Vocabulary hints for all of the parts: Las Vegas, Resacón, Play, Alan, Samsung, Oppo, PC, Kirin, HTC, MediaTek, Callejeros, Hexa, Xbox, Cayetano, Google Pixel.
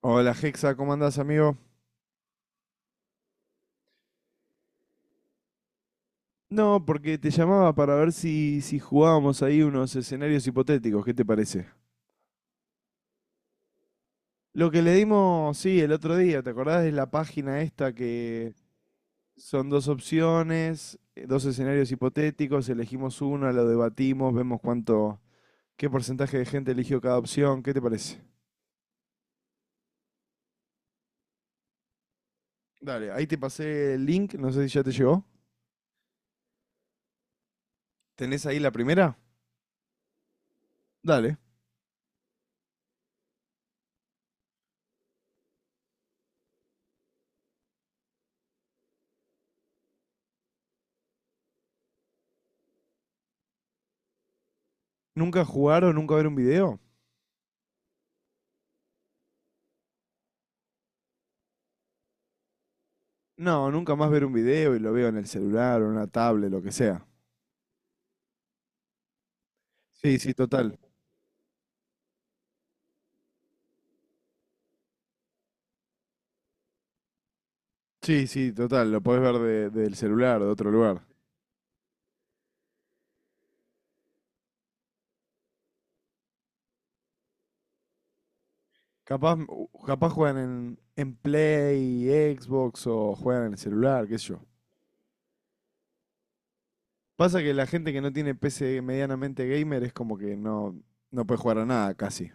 Hola Hexa, ¿cómo andás, amigo? No, porque te llamaba para ver si jugábamos ahí unos escenarios hipotéticos, ¿qué te parece? Lo que le dimos, sí, el otro día, ¿te acordás de la página esta que son dos opciones, dos escenarios hipotéticos, elegimos uno, lo debatimos, vemos cuánto, qué porcentaje de gente eligió cada opción, ¿qué te parece? Dale, ahí te pasé el link, no sé si ya te llegó. ¿Tenés ahí la primera? Dale. ¿Nunca jugar o nunca ver un video? No, nunca más ver un video y lo veo en el celular o en una tablet, lo que sea. Sí, sí, total. Sí, sí, total. Lo podés ver del celular, de otro lugar. Capaz, capaz juegan en Play, Xbox o juegan en el celular, qué sé yo. Pasa que la gente que no tiene PC medianamente gamer es como que no, no puede jugar a nada casi.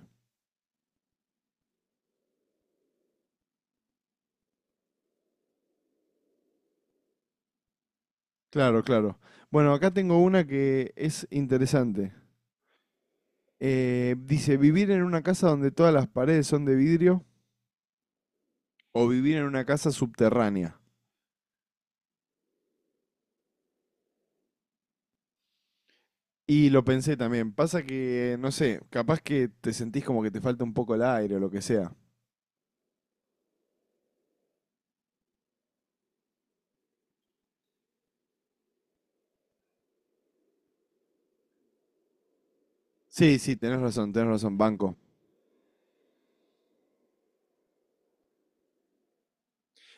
Claro, claro. Bueno, acá tengo una que es interesante. Dice, vivir en una casa donde todas las paredes son de vidrio o vivir en una casa subterránea. Y lo pensé también. Pasa que, no sé, capaz que te sentís como que te falta un poco el aire o lo que sea. Sí, sí, tenés razón, banco.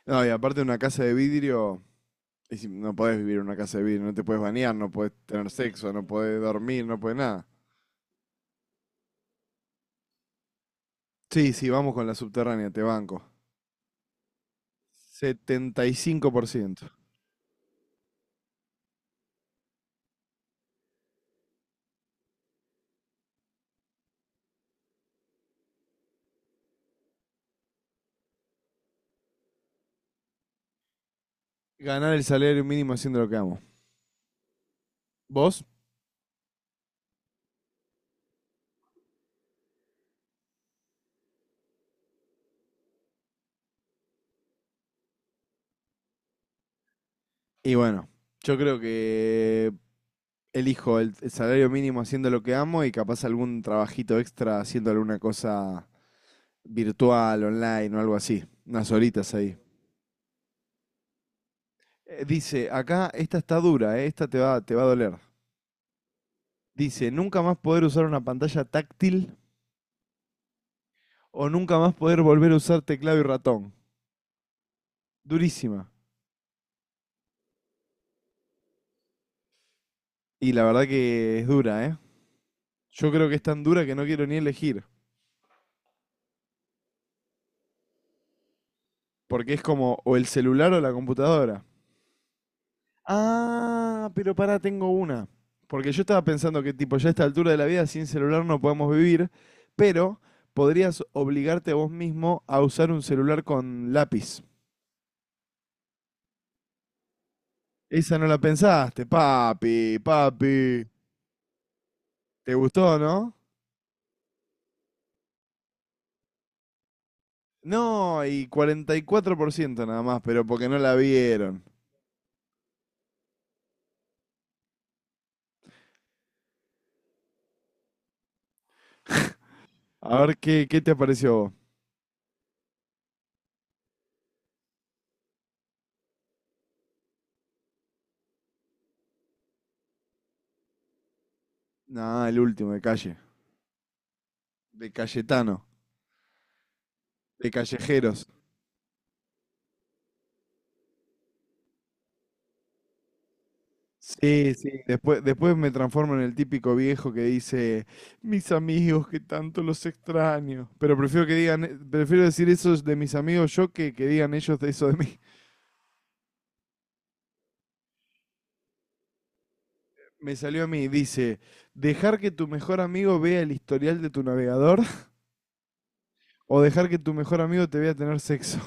No, y aparte una casa de vidrio, y no podés vivir en una casa de vidrio, no te podés bañar, no podés tener sexo, no podés dormir, no podés nada. Sí, sí, vamos con la subterránea, te banco. Setenta y cinco por ciento. Ganar el salario mínimo haciendo lo que amo. ¿Vos? Y bueno, yo creo que elijo el salario mínimo haciendo lo que amo y capaz algún trabajito extra haciendo alguna cosa virtual, online o algo así. Unas horitas ahí. Dice, acá esta está dura, esta te va a doler. Dice, nunca más poder usar una pantalla táctil o nunca más poder volver a usar teclado y ratón. Durísima. Y la verdad que es dura, ¿eh? Yo creo que es tan dura que no quiero ni elegir. Porque es como o el celular o la computadora. Ah, pero para tengo una. Porque yo estaba pensando que tipo, ya a esta altura de la vida sin celular no podemos vivir, pero podrías obligarte a vos mismo a usar un celular con lápiz. Esa no la pensaste, papi, papi. ¿Te gustó, no? No, y 44% nada más, pero porque no la vieron. A ver, qué te pareció a vos? Nah, el último, de calle. De Cayetano, de Callejeros. Sí, sí. Después, después me transformo en el típico viejo que dice, mis amigos, que tanto los extraño. Pero prefiero que digan, prefiero decir eso de mis amigos yo que digan ellos de eso de mí. Me salió a mí, dice, dejar que tu mejor amigo vea el historial de tu navegador o dejar que tu mejor amigo te vea tener sexo.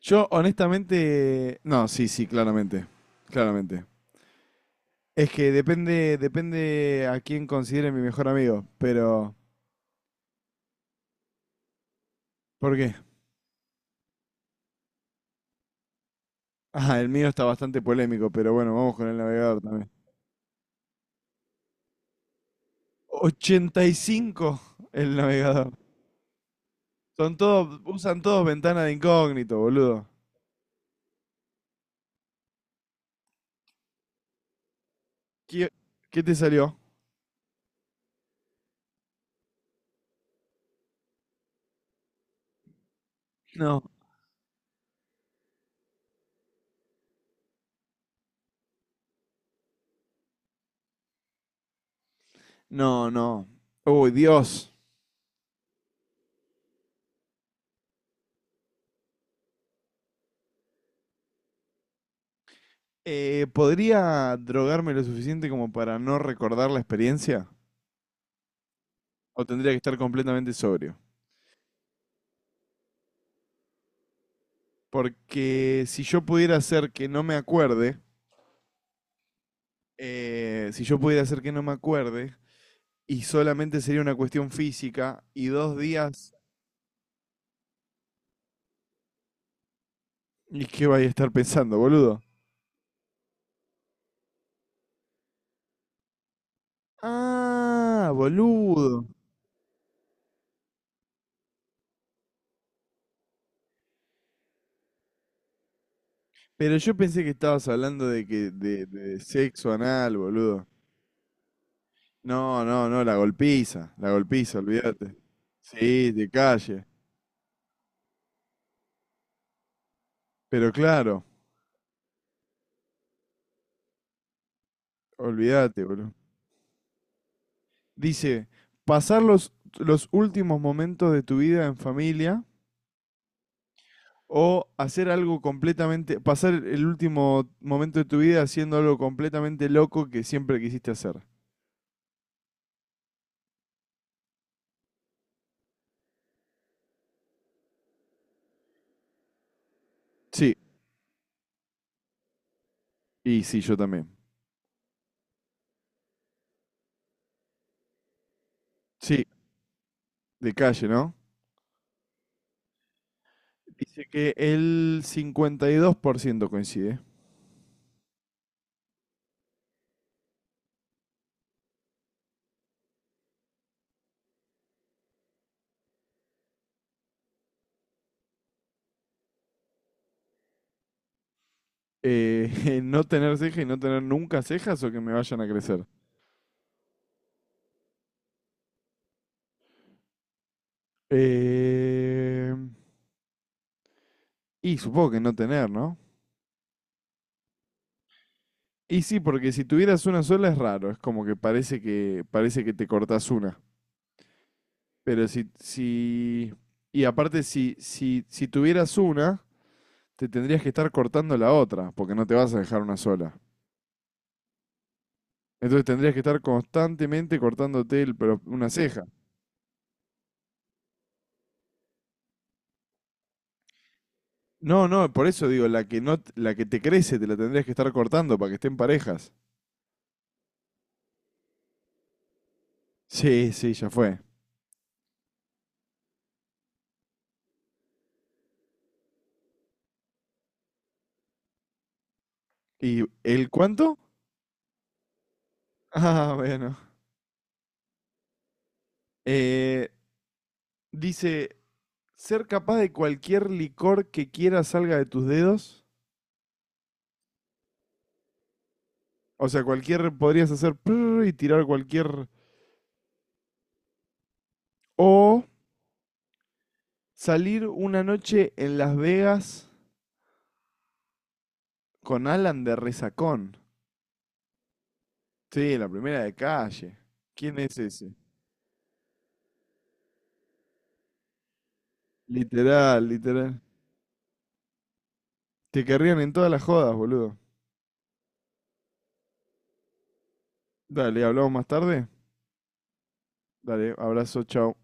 Yo honestamente, no, sí, sí, claramente, claramente. Es que depende, depende a quién considere mi mejor amigo, pero ¿por qué? Ah, el mío está bastante polémico, pero bueno, vamos con el navegador también. 85 el navegador. Son todos, usan todos ventana de incógnito, boludo. ¿Qué, qué te salió? No. No, no. Uy, Dios. ¿Podría drogarme lo suficiente como para no recordar la experiencia? ¿O tendría que estar completamente sobrio? Porque si yo pudiera hacer que no me acuerde, si yo pudiera hacer que no me acuerde, y solamente sería una cuestión física, y dos días, ¿y qué vaya a estar pensando, boludo? Ah, boludo. Pero yo pensé que estabas hablando de de sexo anal, boludo. No, no, no, la golpiza, olvídate. Sí, de calle. Pero claro, olvídate, boludo. Dice, pasar los últimos momentos de tu vida en familia o hacer algo completamente, pasar el último momento de tu vida haciendo algo completamente loco que siempre quisiste hacer. Sí, y sí, yo también. Sí, de calle, ¿no? Dice que el 52% coincide. No tener ceja y no tener nunca cejas o que me vayan a crecer. Eh, y supongo que no tener, ¿no? Y sí, porque si tuvieras una sola es raro, es como que parece que parece que te cortas una. Pero si y aparte si, si tuvieras una, te tendrías que estar cortando la otra, porque no te vas a dejar una sola. Entonces tendrías que estar constantemente cortándote el, pero una ceja. No, no, por eso digo, la que no, la que te crece te la tendrías que estar cortando para que estén parejas. Sí, sí, ya fue. ¿Y el cuánto? Ah, bueno. Eh, dice, ser capaz de cualquier licor que quieras salga de tus dedos. O sea, cualquier, podrías hacer prrr y tirar cualquier... O salir una noche en Las Vegas con Alan de Resacón. Sí, la primera de calle. ¿Quién es ese? Literal, literal. Te querrían en todas las jodas, boludo. Dale, hablamos más tarde. Dale, abrazo, chao.